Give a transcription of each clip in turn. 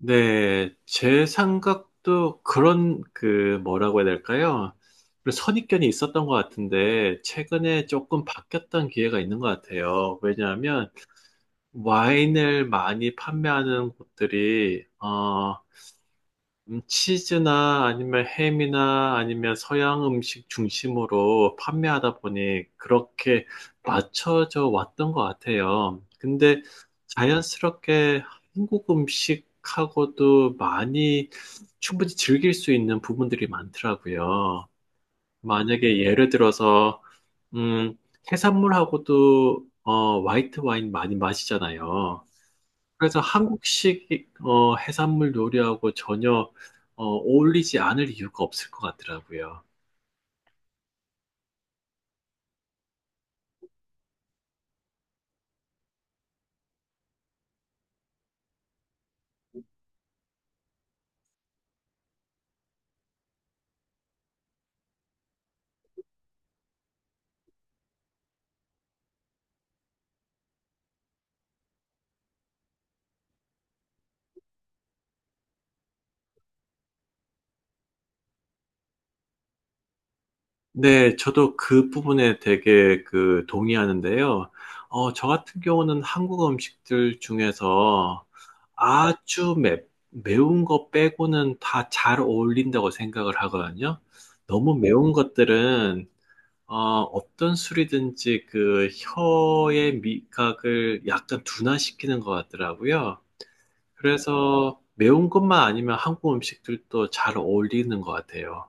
네, 제 생각도 그런 그 뭐라고 해야 될까요? 그런 선입견이 있었던 것 같은데 최근에 조금 바뀌었던 기회가 있는 것 같아요. 왜냐하면 와인을 많이 판매하는 곳들이 치즈나 아니면 햄이나 아니면 서양 음식 중심으로 판매하다 보니 그렇게 맞춰져 왔던 것 같아요. 근데 자연스럽게 한국 음식하고도 많이 충분히 즐길 수 있는 부분들이 많더라고요. 만약에 예를 들어서, 음, 해산물하고도 화이트 와인 많이 마시잖아요. 그래서 한국식 해산물 요리하고 전혀 어울리지 않을 이유가 없을 것 같더라고요. 네, 저도 그 부분에 되게 그 동의하는데요. 저 같은 경우는 한국 음식들 중에서 아주 매, 매운 거 빼고는 다 잘 어울린다고 생각을 하거든요. 너무 매운 것들은 어떤 술이든지 그 혀의 미각을 약간 둔화시키는 것 같더라고요. 그래서 매운 것만 아니면 한국 음식들도 잘 어울리는 것 같아요.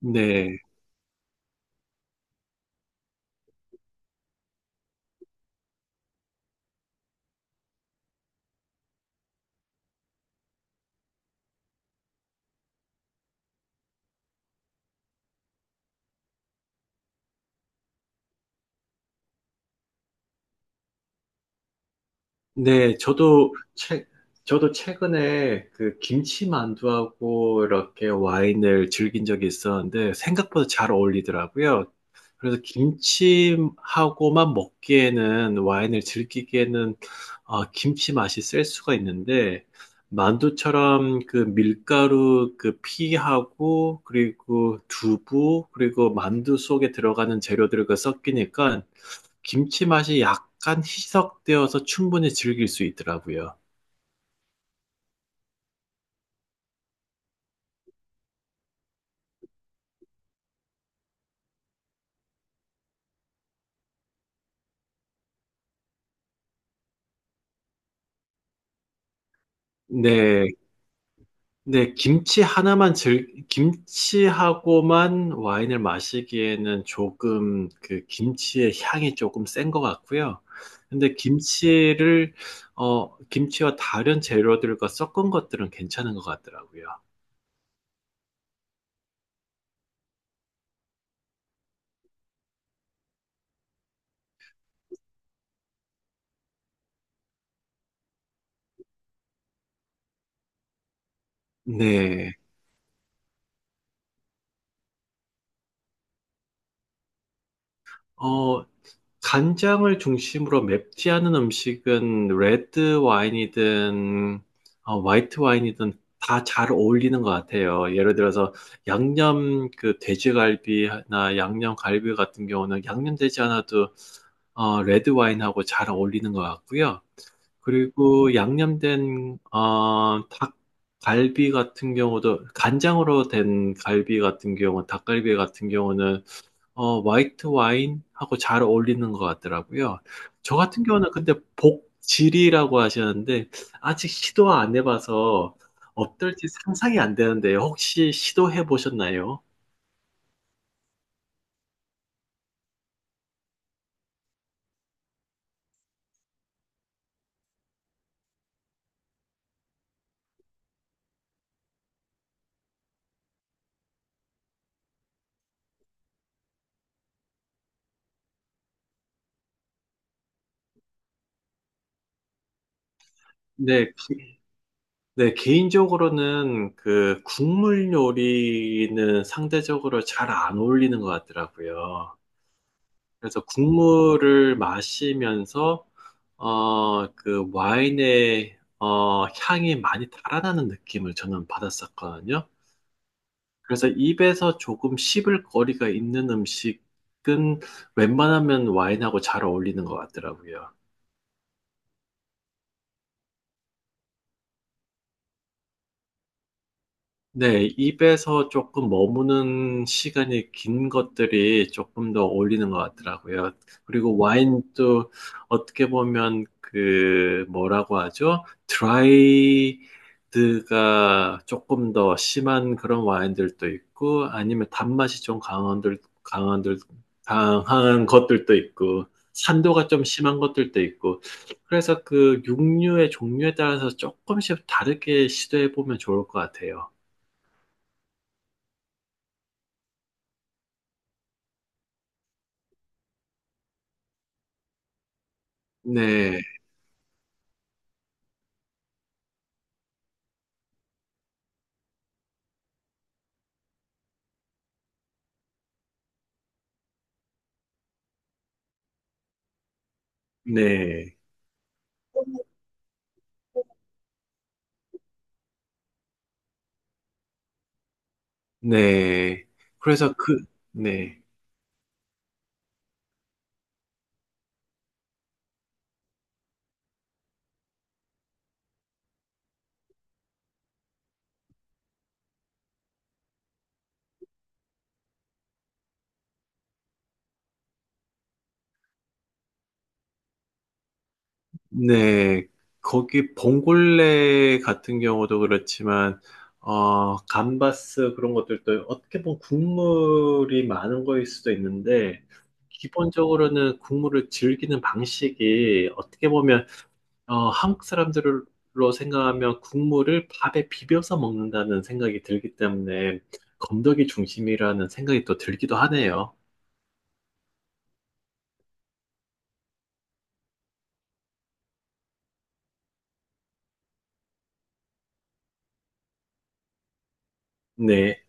네. 네, 저도 최, 저도 최근에 그 김치만두하고 이렇게 와인을 즐긴 적이 있었는데 생각보다 잘 어울리더라고요. 그래서 김치하고만 먹기에는 와인을 즐기기에는 김치 맛이 셀 수가 있는데 만두처럼 그 밀가루 그 피하고 그리고 두부 그리고 만두 속에 들어가는 재료들과 섞이니까 김치 맛이 약간 희석되어서 충분히 즐길 수 있더라고요. 네, 김치하고만 와인을 마시기에는 조금 그 김치의 향이 조금 센 것 같고요. 근데 김치와 다른 재료들과 섞은 것들은 괜찮은 것 같더라고요. 네. 어, 간장을 중심으로 맵지 않은 음식은 레드 와인이든 화이트 와인이든 다 잘 어울리는 것 같아요. 예를 들어서 양념 그 돼지갈비나 양념 갈비 같은 경우는 양념되지 않아도 레드 와인하고 잘 어울리는 것 같고요. 그리고 양념된 닭갈비 같은 경우도 간장으로 된 갈비 같은 경우, 닭갈비 같은 경우는 화이트 와인하고 잘 어울리는 것 같더라고요. 저 같은 경우는 근데 복지리라고 하셨는데, 아직 시도 안 해봐서 어떨지 상상이 안 되는데, 혹시 시도해 보셨나요? 네, 기- 네, 개인적으로는 그 국물 요리는 상대적으로 잘 안 어울리는 것 같더라고요. 그래서 국물을 마시면서 그 와인의 향이 많이 달아나는 느낌을 저는 받았었거든요. 그래서 입에서 조금 씹을 거리가 있는 음식은 웬만하면 와인하고 잘 어울리는 것 같더라고요. 네, 입에서 조금 머무는 시간이 긴 것들이 조금 더 어울리는 것 같더라고요. 그리고 와인도 어떻게 보면 그 뭐라고 하죠? 드라이드가 조금 더 심한 그런 와인들도 있고 아니면 단맛이 좀 강한 것들도 있고 산도가 좀 심한 것들도 있고 그래서 그 육류의 종류에 따라서 조금씩 다르게 시도해 보면 좋을 것 같아요. 네, 네, 네. 그래서 그, 네, 네. 거기 봉골레 같은 경우도 그렇지만, 감바스 그런 것들도 어떻게 보면 국물이 많은 거일 수도 있는데, 기본적으로는 국물을 즐기는 방식이 어떻게 보면, 한국 사람들로 생각하면 국물을 밥에 비벼서 먹는다는 생각이 들기 때문에, 건더기 중심이라는 생각이 또 들기도 하네요. 네.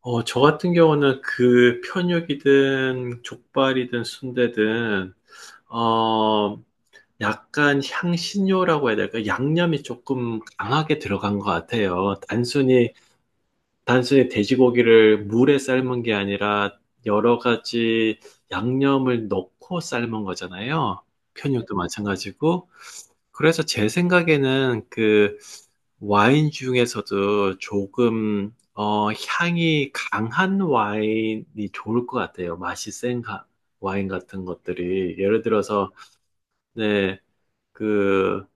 저 같은 경우는 그 편육이든 족발이든 순대든 어, 약간 향신료라고 해야 될까? 양념이 조금 강하게 들어간 것 같아요. 단순히 돼지고기를 물에 삶은 게 아니라 여러 가지 양념을 넣고 삶은 거잖아요. 편육도 마찬가지고. 그래서 제 생각에는 그 와인 중에서도 조금 향이 강한 와인이 좋을 것 같아요. 와인 같은 것들이. 예를 들어서 네, 그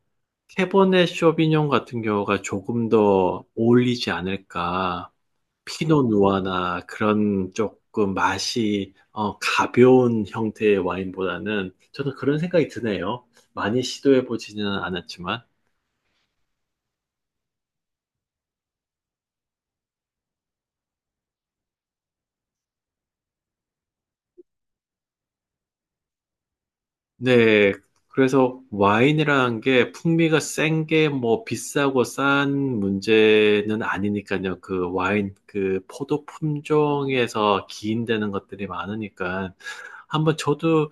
캐보네 쇼비뇽 같은 경우가 조금 더 어울리지 않을까. 피노 누아나 그런 조금 맛이 가벼운 형태의 와인보다는 저는 그런 생각이 드네요. 많이 시도해 보지는 않았지만. 네. 그래서 와인이라는 게 풍미가 센 게 뭐 비싸고 싼 문제는 아니니까요. 그 와인, 그 포도 품종에서 기인되는 것들이 많으니까. 한번 저도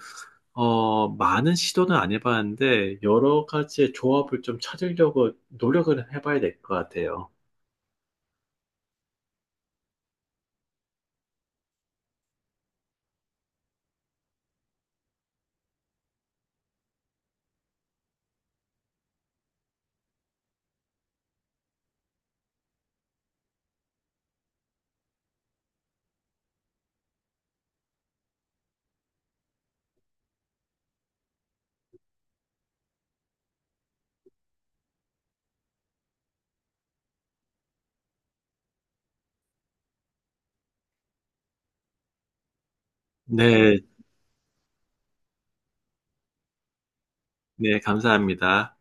많은 시도는 안 해봤는데, 여러 가지의 조합을 좀 찾으려고 노력을 해봐야 될 것 같아요. 네, 네, 감사합니다.